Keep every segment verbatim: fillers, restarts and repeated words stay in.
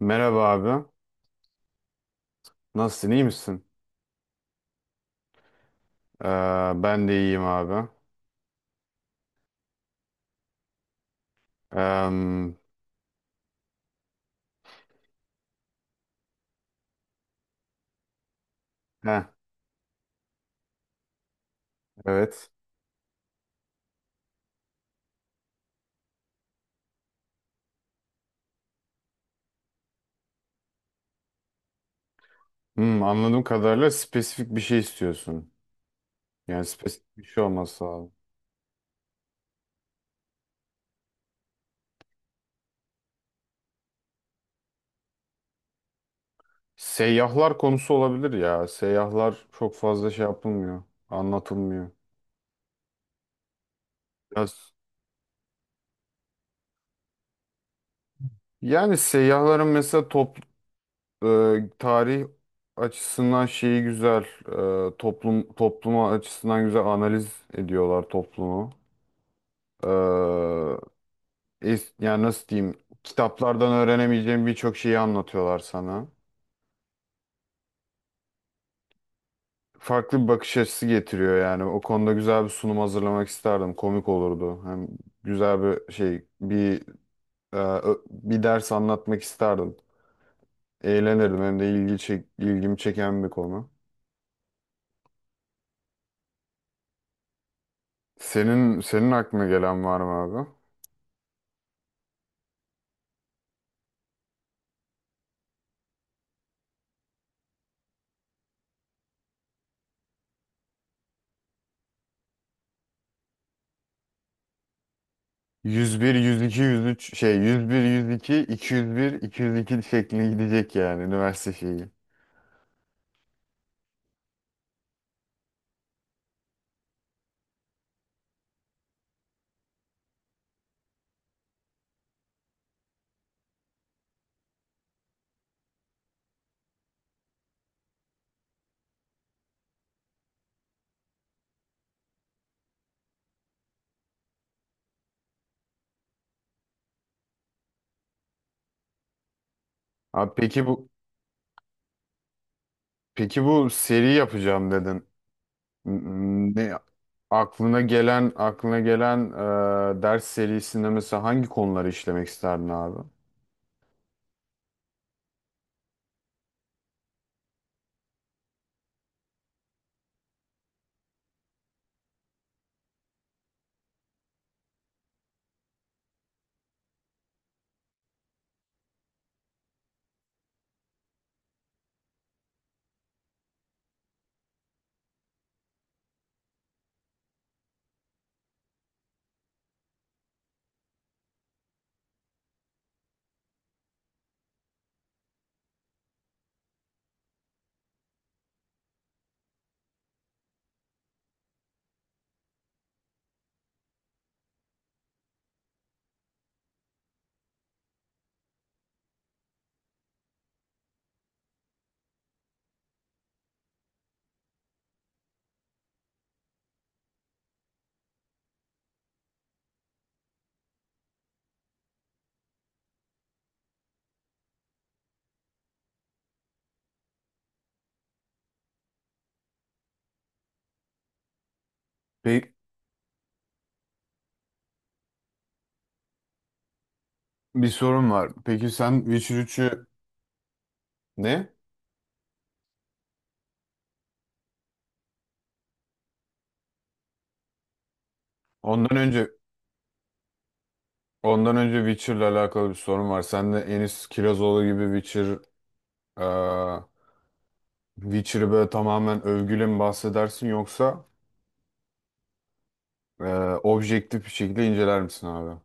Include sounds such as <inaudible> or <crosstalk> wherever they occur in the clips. Merhaba abi. Nasılsın? İyi misin? Ee, Ben de iyiyim abi. Ee, heh, evet. Hmm, anladığım kadarıyla spesifik bir şey istiyorsun. Yani spesifik bir şey olması lazım. Seyyahlar konusu olabilir ya. Seyyahlar çok fazla şey yapılmıyor. Anlatılmıyor. Biraz- Yani seyyahların mesela top, e, tarih açısından şeyi güzel. E, toplum topluma açısından güzel analiz ediyorlar toplumu. E, es- Yani nasıl diyeyim, kitaplardan öğrenemeyeceğin birçok şeyi anlatıyorlar sana. Farklı bir bakış açısı getiriyor yani. O konuda güzel bir sunum hazırlamak isterdim. Komik olurdu. Hem güzel bir şey bir e, ö- bir ders anlatmak isterdim. Eğlenirdim. Hem de ilgi çek, ilgimi çeken bir konu. Senin senin aklına gelen var mı abi? yüz bir, yüz iki, yüz üç şey yüz bir, yüz iki, iki yüz bir, iki yüz iki şeklinde gidecek yani üniversite şeyi. Abi peki bu Peki bu seri yapacağım dedin. M- Ne aklına gelen aklına gelen e, ders serisinde mesela hangi konuları işlemek isterdin abi? Peki bir sorun var. Peki sen Witcher üçü ne? Ondan önce ondan önce Witcher'la alakalı bir sorun var. Sen de Enis Kirazoğlu gibi Witcher e, Witcher'ı böyle tamamen övgüyle mi bahsedersin yoksa e, objektif bir şekilde inceler misin abi?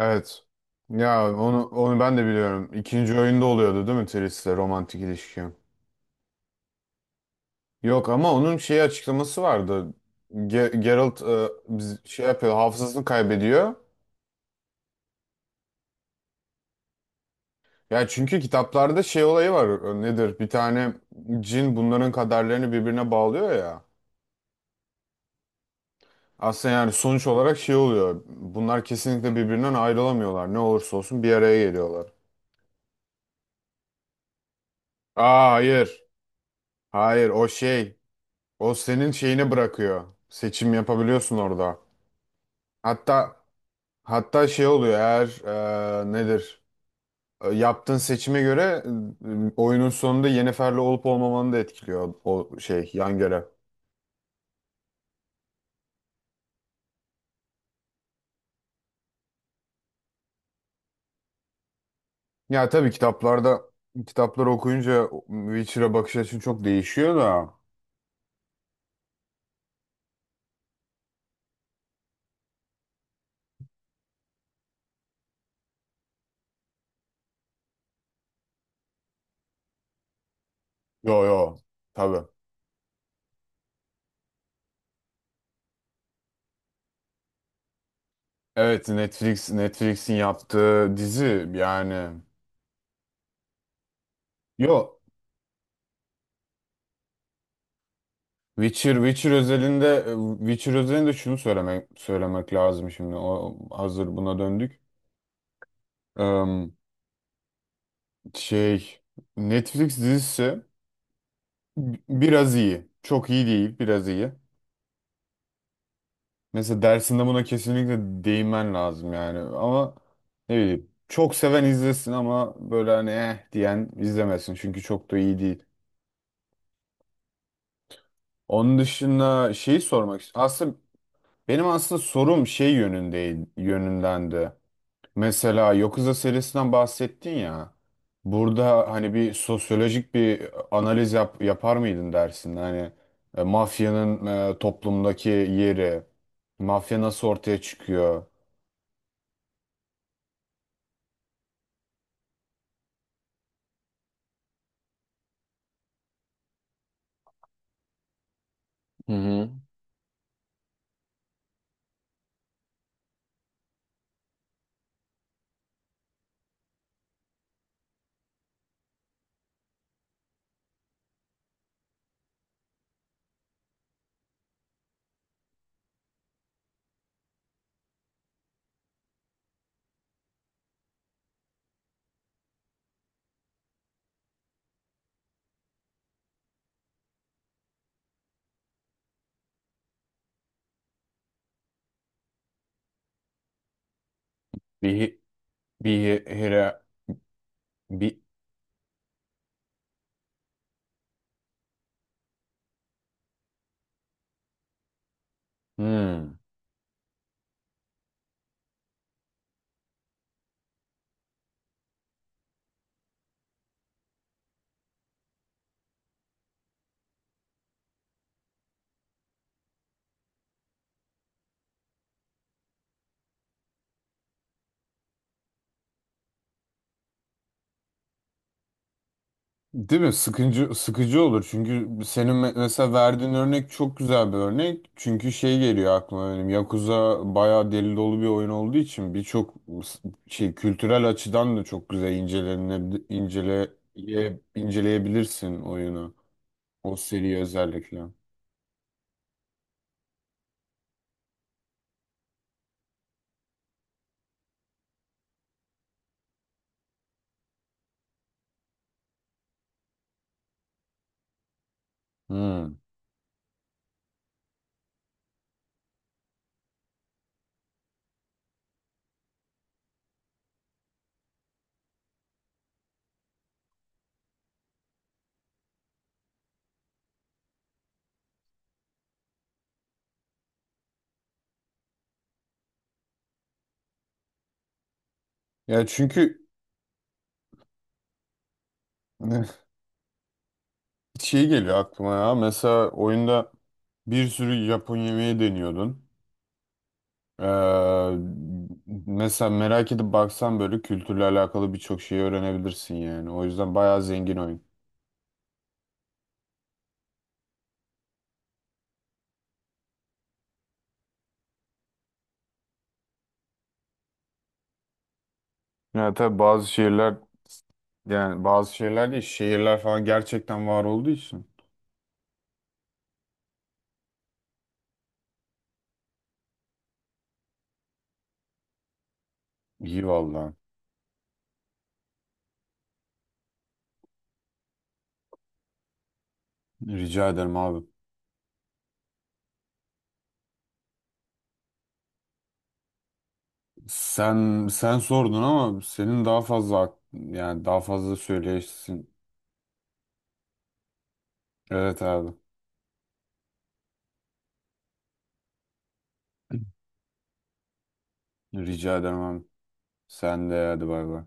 Evet. Ya onu onu ben de biliyorum. İkinci oyunda oluyordu değil mi Tris'le romantik ilişki? Yok ama onun şey açıklaması vardı. Ge- Geralt e, biz- şey yapıyor, hafızasını kaybediyor. Ya çünkü kitaplarda şey olayı var. e, Nedir? Bir tane cin bunların kaderlerini birbirine bağlıyor ya. Aslında yani sonuç olarak şey oluyor. Bunlar kesinlikle birbirinden ayrılamıyorlar. Ne olursa olsun bir araya geliyorlar. Aa hayır. Hayır o şey. O senin şeyini bırakıyor. Seçim yapabiliyorsun orada. Hatta hatta şey oluyor, eğer e, nedir, e, yaptığın seçime göre e, oyunun sonunda Yennefer'le olup olmamanı da etkiliyor o şey yan görev. Ya tabii kitaplarda, kitapları okuyunca Witcher'a bakış açın çok değişiyor da. Yo yo, tabii. Evet, Netflix Netflix'in yaptığı dizi yani. Yo, Witcher Witcher özelinde, e, Witcher özelinde şunu söylemek söylemek lazım şimdi. O, hazır buna döndük. Em, Şey, Netflix dizisi biraz iyi. Çok iyi değil, biraz iyi. Mesela dersinde buna kesinlikle değinmen lazım yani. Ama ne bileyim, çok seven izlesin ama böyle hani eh diyen izlemesin. Çünkü çok da iyi değil. Onun dışında şeyi sormak ist- aslında benim aslında sorum şey yönündeydi, yönündendi. Mesela Yakuza serisinden bahsettin ya. Burada hani bir sosyolojik bir analiz yap, yapar mıydın dersin? Hani e, mafyanın e, toplumdaki yeri, mafya nasıl ortaya çıkıyor? Hı hı. Bir hi- bir hi- hire bir hmm. Değil mi? Sıkıcı, sıkıcı olur. Çünkü senin me- mesela verdiğin örnek çok güzel bir örnek. Çünkü şey geliyor aklıma benim. Yakuza bayağı deli dolu bir oyun olduğu için birçok s- şey kültürel açıdan da çok güzel incelene, incele, inceleyebilirsin oyunu. O seriyi özellikle. Hmm. Ya çünkü <laughs> şey geliyor aklıma ya. Mesela oyunda bir sürü Japon yemeği deniyordun. Ee, mesela merak edip baksan böyle kültürle alakalı birçok şeyi öğrenebilirsin yani. O yüzden bayağı zengin oyun. Ya tabii bazı şehirler, yani bazı şehirler değil, şehirler falan gerçekten var olduğu için. İyi valla. Rica ederim abi. Sen sen sordun ama senin daha fazla ak- yani daha fazla söyleyesin. Evet abi. Rica ederim abi. Sen de hadi bay bay.